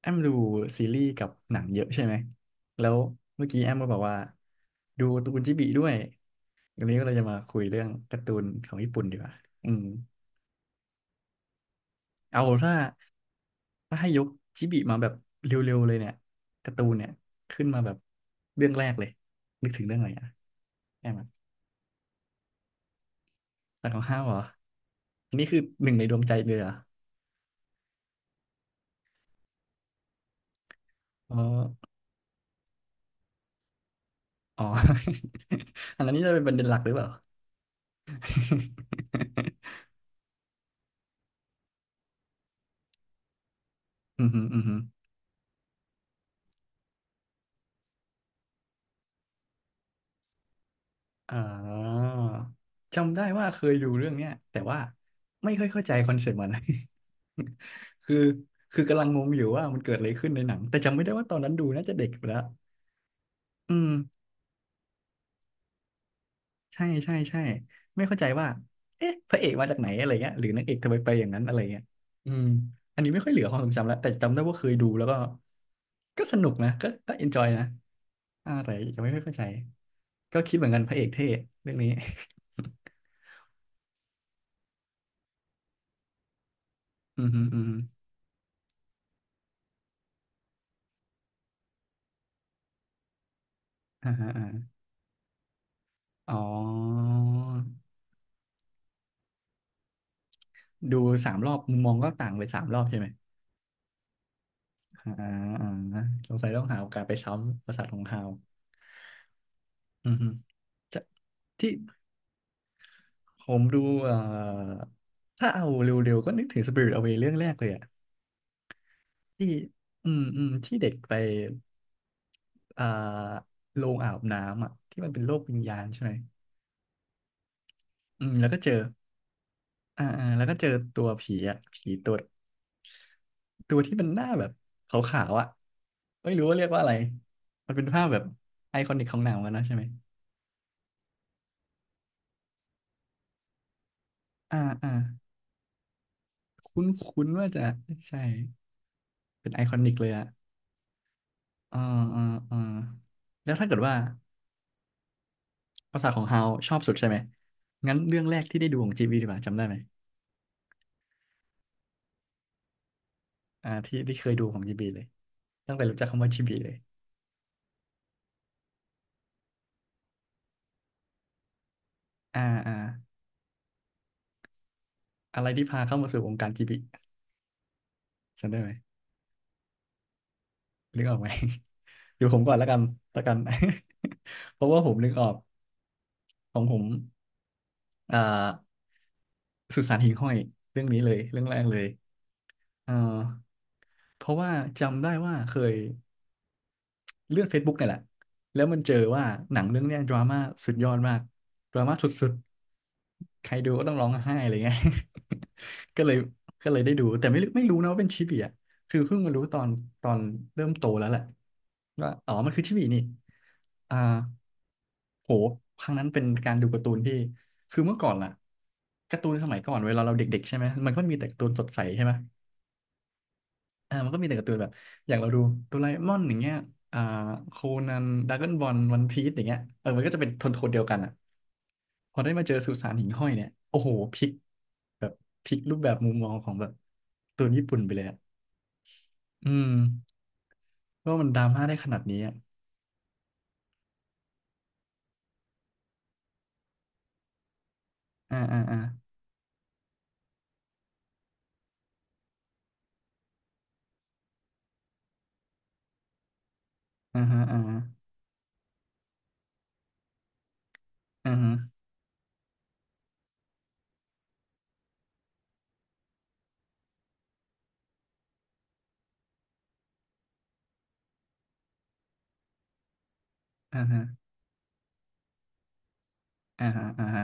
แอมดูซีรีส์กับหนังเยอะใช่ไหมแล้วเมื่อกี้แอมก็บอกว่าดูการ์ตูนจิบิด้วยวันนี้ก็เราจะมาคุยเรื่องการ์ตูนของญี่ปุ่นดีกว่าอืมเอาถ้าถ้าให้ยกจิบิมาแบบเร็วๆเลยเนี่ยการ์ตูนเนี่ยขึ้นมาแบบเรื่องแรกเลยนึกถึงเรื่องอะไรอ่ะแอมอะหลักของห้าวเหรออันนี้คือหนึ่งในดวงใจเลยเหรออ๋ออ๋อ อันนั้นนี่จะเป็นประเด็นหลักหรือเปล่า อืมอหืมออือหือ อ่าจำได้ว่าเคยดูเรื่องเนี้ยแต่ว่าไม่ค่อยเข้าใจคอนเซ็ปต์มัน คือคือกำลังงงอยู่ว่ามันเกิดอะไรขึ้นในหนังแต่จำไม่ได้ว่าตอนนั้นดูน่าจะเด็กไปแล้วอืมใช่ใช่ใช่ไม่เข้าใจว่าเอ๊ะพระเอกมาจากไหนอะไรเงี้ยหรือนางเอกทำไมไปอย่างนั้นอะไรเงี้ยอืมอันนี้ไม่ค่อยเหลือความทรงจำแล้วแต่จำได้ว่าเคยดูแล้วก็ก็สนุกนะก็เอนจอยนะอ่าแต่ยังไม่ค่อยเข้าใจก็คิดเหมือนกันพระเอกเท่เรื่องนี้ อืมฮึอืมฮึอ่าฮะอ่า อ๋อ ดูสามรอบมุมมองก็ต่างไปสามรอบใช่ไหมอ่าอ่าสงสัยต้องหาโอกาสไปซ้ำประสาทของฮาวอือฮึจะที่ผมดูเอ่อถ้าเอาเร็วๆก็นึกถึง Spirit Away เรื่องแรกเลยอะที่อืมอืมที่เด็กไปอ่าโรงอาบน้ำอะที่มันเป็นโลกวิญญาณใช่ไหมอืมแล้วก็เจออ่าอ่าแล้วก็เจอตัวผีอะผีตัว ตัวที่มันหน้าแบบขาวๆอ่ะไม่รู้ว่าเรียกว่าอะไร มันเป็นภาพแบบไอคอนิกของหนังมันนะใช่ไหมอ่าอ่าคุ้นคุ้นว่าจะใช่ เป็นไอคอนิกเลยอ่ะอ่าอ่าอ่าแล้วถ้าเกิดว่าภาษาของฮาวชอบสุดใช่ไหม งั้นเรื่องแรกที่ได้ดูของจีบีดีกว่าจำได้ไหมอ่าที่ที่เคยดูของจีบีเลย ตั้งแต่รู้จักคำว่าจีบีเลยอ่าอ่าอะไรที่พาเข้ามาสู่วงการจีบีจำได้ไหมนึกออกไหม เดี๋ยวผมก่อนแล้วกันแล้วกัน เพราะว่าผมนึกออกของผม เอ่อสุสานหิ่งห้อยเรื่องนี้เลยเรื่องแรกเลยเอ่อเพราะว่าจำได้ว่าเคยเลื่อน Facebook เนี่ยแหละแล้วมันเจอว่าหนังเรื่องเนี้ยดราม่าสุดยอดมากดราม่าสุดๆใครดูก็ต้องร้องไห้อะไรเงี้ย ก็เลยก็เลยได้ดูแต่ไม่รู้ไม่รู้นะว่าเป็นชิบีอ่ะคือเพิ่งมารู้ตอนตอนเริ่มโตแล้วแหละว่าอ๋อมันคือชิบีนี่ อ่าโหครั้งนั้นเป็นการดูการ์ตูนที่คือเมื่อก่อนล่ะการ์ตูนสมัยก่อนเวลาเราเด็กๆใช่ไหมมันก็มีแต่การ์ตูนสดใสใช่ไหมอ่ามันก็มีแต่การ์ตูนแบบอย่างเราดูโดราเอมอนอย่างเงี้ยอ่าโคนันดราก้อนบอลวันพีซอย่างเงี้ยเออมันก็จะเป็นโทนโทนเดียวกันอ่ะพอได้มาเจอสุสานหิ่งห้อยเนี่ยโอ้โหพลิกแบบพลิกรูปแบบมุมมองของแบบการ์ตูนญี่ปุ่นไปเลยอ่ะอืมว่ามันดราม่าได้ขนาดนี้อ่ะอ่าอ่าอ่าอ่าฮะอ่าฮะอ่าฮะอ่าฮะอ่าฮะอ่าฮะ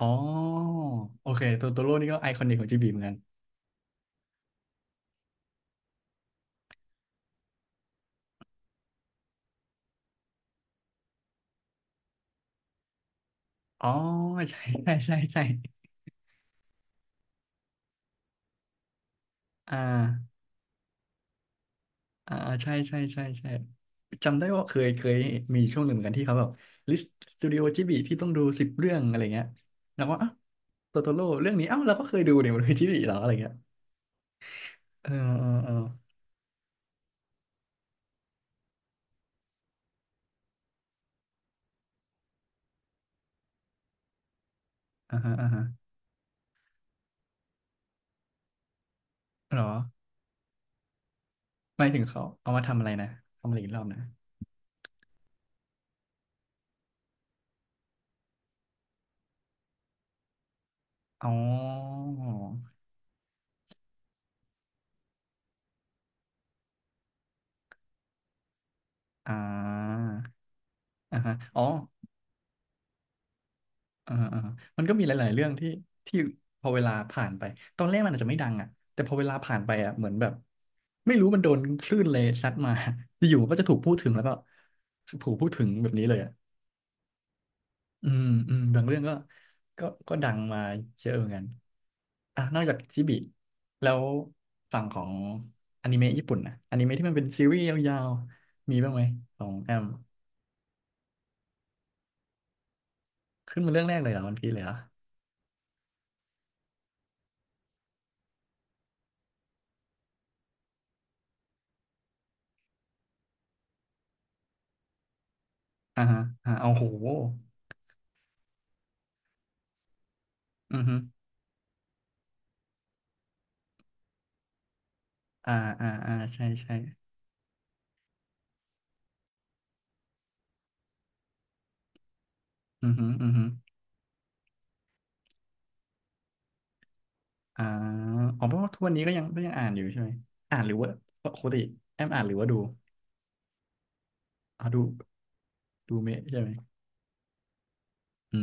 อ๋อโอเคตัวตัวโลกนี่ก็ไอคอนิกของจีบีเหมือนกันอ๋อใช่ ใช่ใช่ใช่อ่าอ่าใช่ใช่ใช่ใช่จำได้ว่าเคยเคยมีช่วงหนึ่งเหมือนกันที่เขาแบบลิสต์สตูดิโอจีบีที่ต้องดูสิบเรื่องอะไรเงี้ยแล้วว่าอ้าวตัวตัวโลเรื่องนี้อ้าวเราก็เคยดูเนี่ยมันคือจีบีเหรออะไรเงี้ยเออเออเอออ่าฮะอ่าฮะเหรอหมายถึงเขาเอามาทำอะไรนะทำอะไรอีกรอบนะอ๋ออ่าอ่าฮะอ๋อ อ่าอ่ามันก็มีหลายๆเรื่องที่พอเวลาผ่านไปตอนแรกมันอาจจะไม่ดังอ่ะแต่พอเวลาผ่านไปอ่ะเหมือนแบบไม่รู้มันโดนคลื่นเลยซัดมา อยู่ๆมันก็จะถูกพูดถึงแล้วก็ถูกพูดถึงแบบนี้เลยอ่ะอืมอืมบางเรื่องก็ก็ดังมาเยอะเหมือนกันอ่ะนอกจากจิบิแล้วฝั่งของอนิเมะญี่ปุ่นนะอนิเมะที่มันเป็นซีรีส์ยาวๆมีบ้างไหมของแอมขึ้นมาเรื่องแรกเลยเหรอวันพีเลยเหรออ่าฮะอ่าเอาโหอือฮึ อ่าอ่าอ่าใช่ใช่อือหืออือหืออ่าอ๋อเพราะว่าทุกวันนี้ก็ยังอ่านอยู่ใช่ไหมอ่านหรือว่าปกติแอมอ่านหรือว่าดูอ๋อดูดูเมะใช่ไหมอื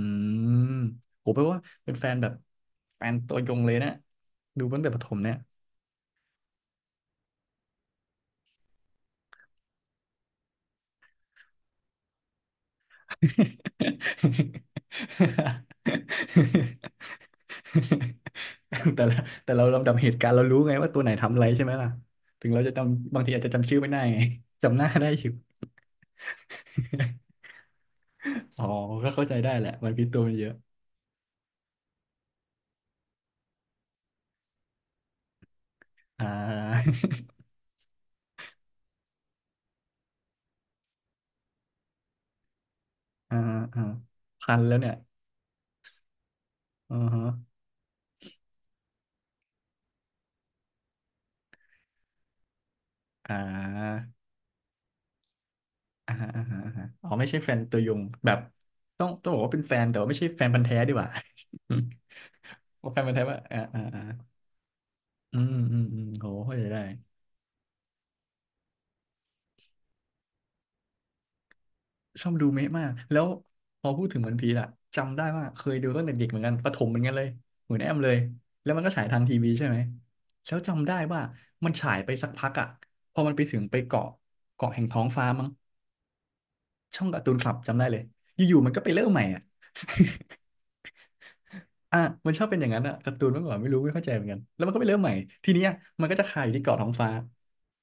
มโหแปลว่าเป็นแฟนแบบแฟนตัวยงเลยนะดูตั้งแต่ประถมเนี่ย แต่ละแต่เราลำดับเหตุการณ์เรารู้ไงว่าตัวไหนทำอะไรใช่ไหมล่ะถึงเราจะจำบางทีอาจจะจำชื่อไม่ได้ไง จำหน้าได้อยู่ อ๋อก็เข้าใจได้แหละมันพิษตัวมันเยอะอ่า อ่าอ่าพันแล้วเนี่ยอือฮะอ่าอ่าอ่าอาอ่าอ๋อไม่ใช่แฟนตัวยงแบบ ต้องบอกว่าเป็นแฟน แต่ว่าไม่ใช่แฟนพันธุ์แท้ดีกว่า ว่าแฟนพันธุ์แท้ว่าอ่าอ่าอ่าอืมอืมอืมโหเข้าใจได้ ชอบดูเมะมากแล้วพอพูดถึงวันพีซอะจำได้ว่าเคยดูตั้งแต่เด็กเหมือนกันประถมเหมือนกันเลยเหมือนแอมเลยแล้วมันก็ฉายทางทีวีใช่ไหมแล้วจำได้ว่ามันฉายไปสักพักอะพอมันไปถึงไปเกาะเกาะแห่งท้องฟ้ามั้งช่องการ์ตูนคลับจำได้เลยอยู่ๆมันก็ไปเริ่มใหม่อะ อ่ะมันชอบเป็นอย่างนั้นอะการ์ตูนเมื่อก่อนไม่รู้ไม่เข้าใจเหมือนกันแล้วมันก็ไปเริ่มใหม่ทีเนี้ยมันก็จะคาอยู่ที่เกาะท้องฟ้า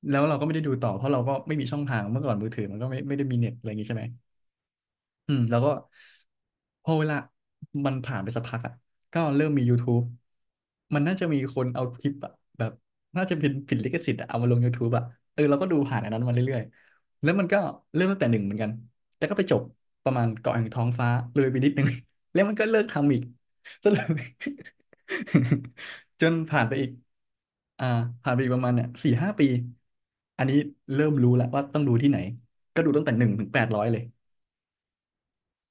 แล้วเราก็ไม่ได้ดูต่อเพราะเราก็ไม่มีช่องทางเมื่อก่อนมือถือมันก็ไม่ได้มีเน็ตอะไรอย่างงี้ใช่ไหม อืมแล้วก็พอเวลามันผ่านไปสักพักอ่ะก็เริ่มมี YouTube มันน่าจะมีคนเอาคลิปอะแบบน่าจะเป็นผิดลิขสิทธิ์อะเอามาลง YouTube อ่ะเออเราก็ดูผ่านอันนั้นมาเรื่อยๆแล้วมันก็เริ่มตั้งแต่หนึ่งเหมือนกันแต่ก็ไปจบประมาณเกาะแห่งท้องฟ้าเลยไปนิดนึง แล้วมันก็เลิกทำอีก ซะเลย จนผ่านไปอีกอ่าผ่านไปอีกประมาณเนี่ยสี่ห้าปีอันนี้เริ่มรู้แล้วว่าต้องดูที่ไหนก็ดูตั้งแต่หนึ่งถึงแปดร้อยเลย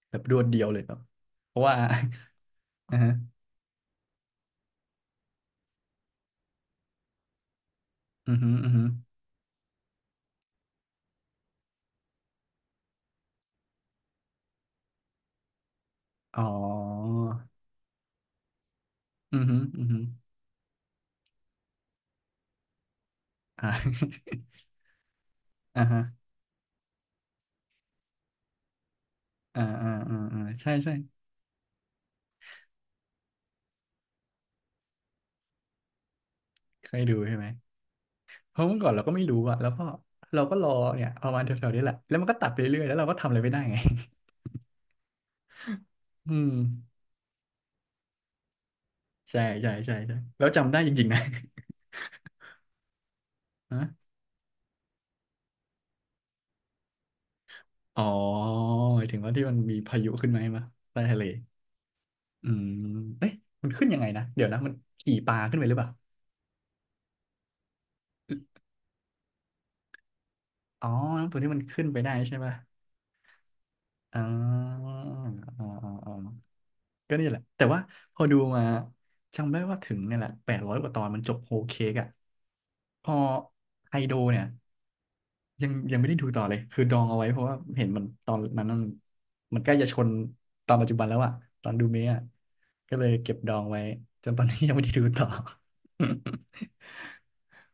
แบบดวลเดียวเลยแบบเพราะว่า อ่อฮะอือฮึอือฮึอ๋ออือฮึอือฮึอ่า อ่าฮะอ่าอ่าอ่าอ่าใช่ใช่เคยดูใช่ไหมเพราะเมื่อก่อนเราก็ไม่รู้อะแล้วก็เราก็รอเนี่ยประมาณแถวๆนี้แหละแล้วมันก็ตัดไปเรื่อยแล้วเราก็ทำอะไรไม่ได้ไง อืมใช่ใช่ใช่ใช่แล้วจำได้จริงๆนะ ฮะอ๋อหมายถึงว่าที่มันมีพายุขึ้นไหมาให้มาใต้ทะเลอืมเอ๊ะมันขึ้นยังไงนะ เดี๋ยวนะมันขี่ปลาขึ้นไปหรือเปล่า อ๋อน้ำตัวที่มันขึ้นไปได้ใช่ป่ะอ๋ออ๋ออ๋ออ๋อก็นี่แหละแต่ว่าพอดูมาจำได้ว่าถึงเนี่ยแหละแปดร้อยกว่าตอนมันจบโฮลเค้กอ่ะพอไฮโดเนี่ยยังไม่ได้ดูต่อเลย คือดองเอาไว้เพราะว่าเห็นมันตอนนั้นมันใกล้จะชนตอนปัจจุบันแล้วอะ ตอนดูเมะอะก็เลยเก็บดองไว้จนตอนนี้ยังไม่ได้ดูต่อ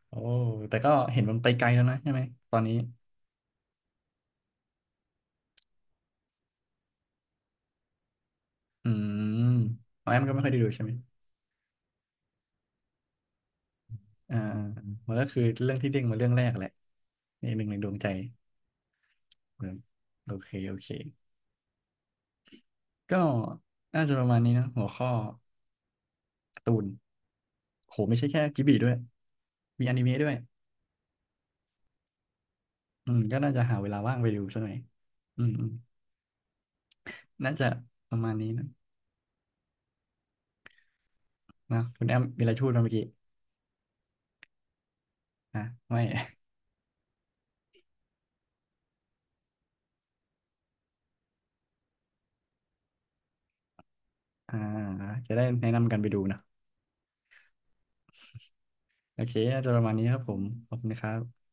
โอ้แต่ก็เห็นมันไปไกลแล้วนะใช่ไหมตอนนี้อืมอ๋อแอมก็ไม่ค่อยได้ดูใช่ไหม อ่ามันก็คือเรื่องที่เด้งมาเรื่องแรกแหละในหนึ่งในดวงใจเออโอเคโอเคก็น่าจะประมาณนี้นะหัวข้อการ์ตูนโหไม่ใช่แค่จิบลิด้วยมีอนิเมะด้วยอืมก็น่าจะหาเวลาว่างไปดูซะหน่อยอืมอืมน่าจะประมาณนี้นะนะคุณแอมมีอะไรพูดมาเมื่อกี้อ่ะไม่ อ่าจะได้แนะนำกันไปดูนะโอเคน่าจะประมาณนี้ครับผมขอบคุณนะครับ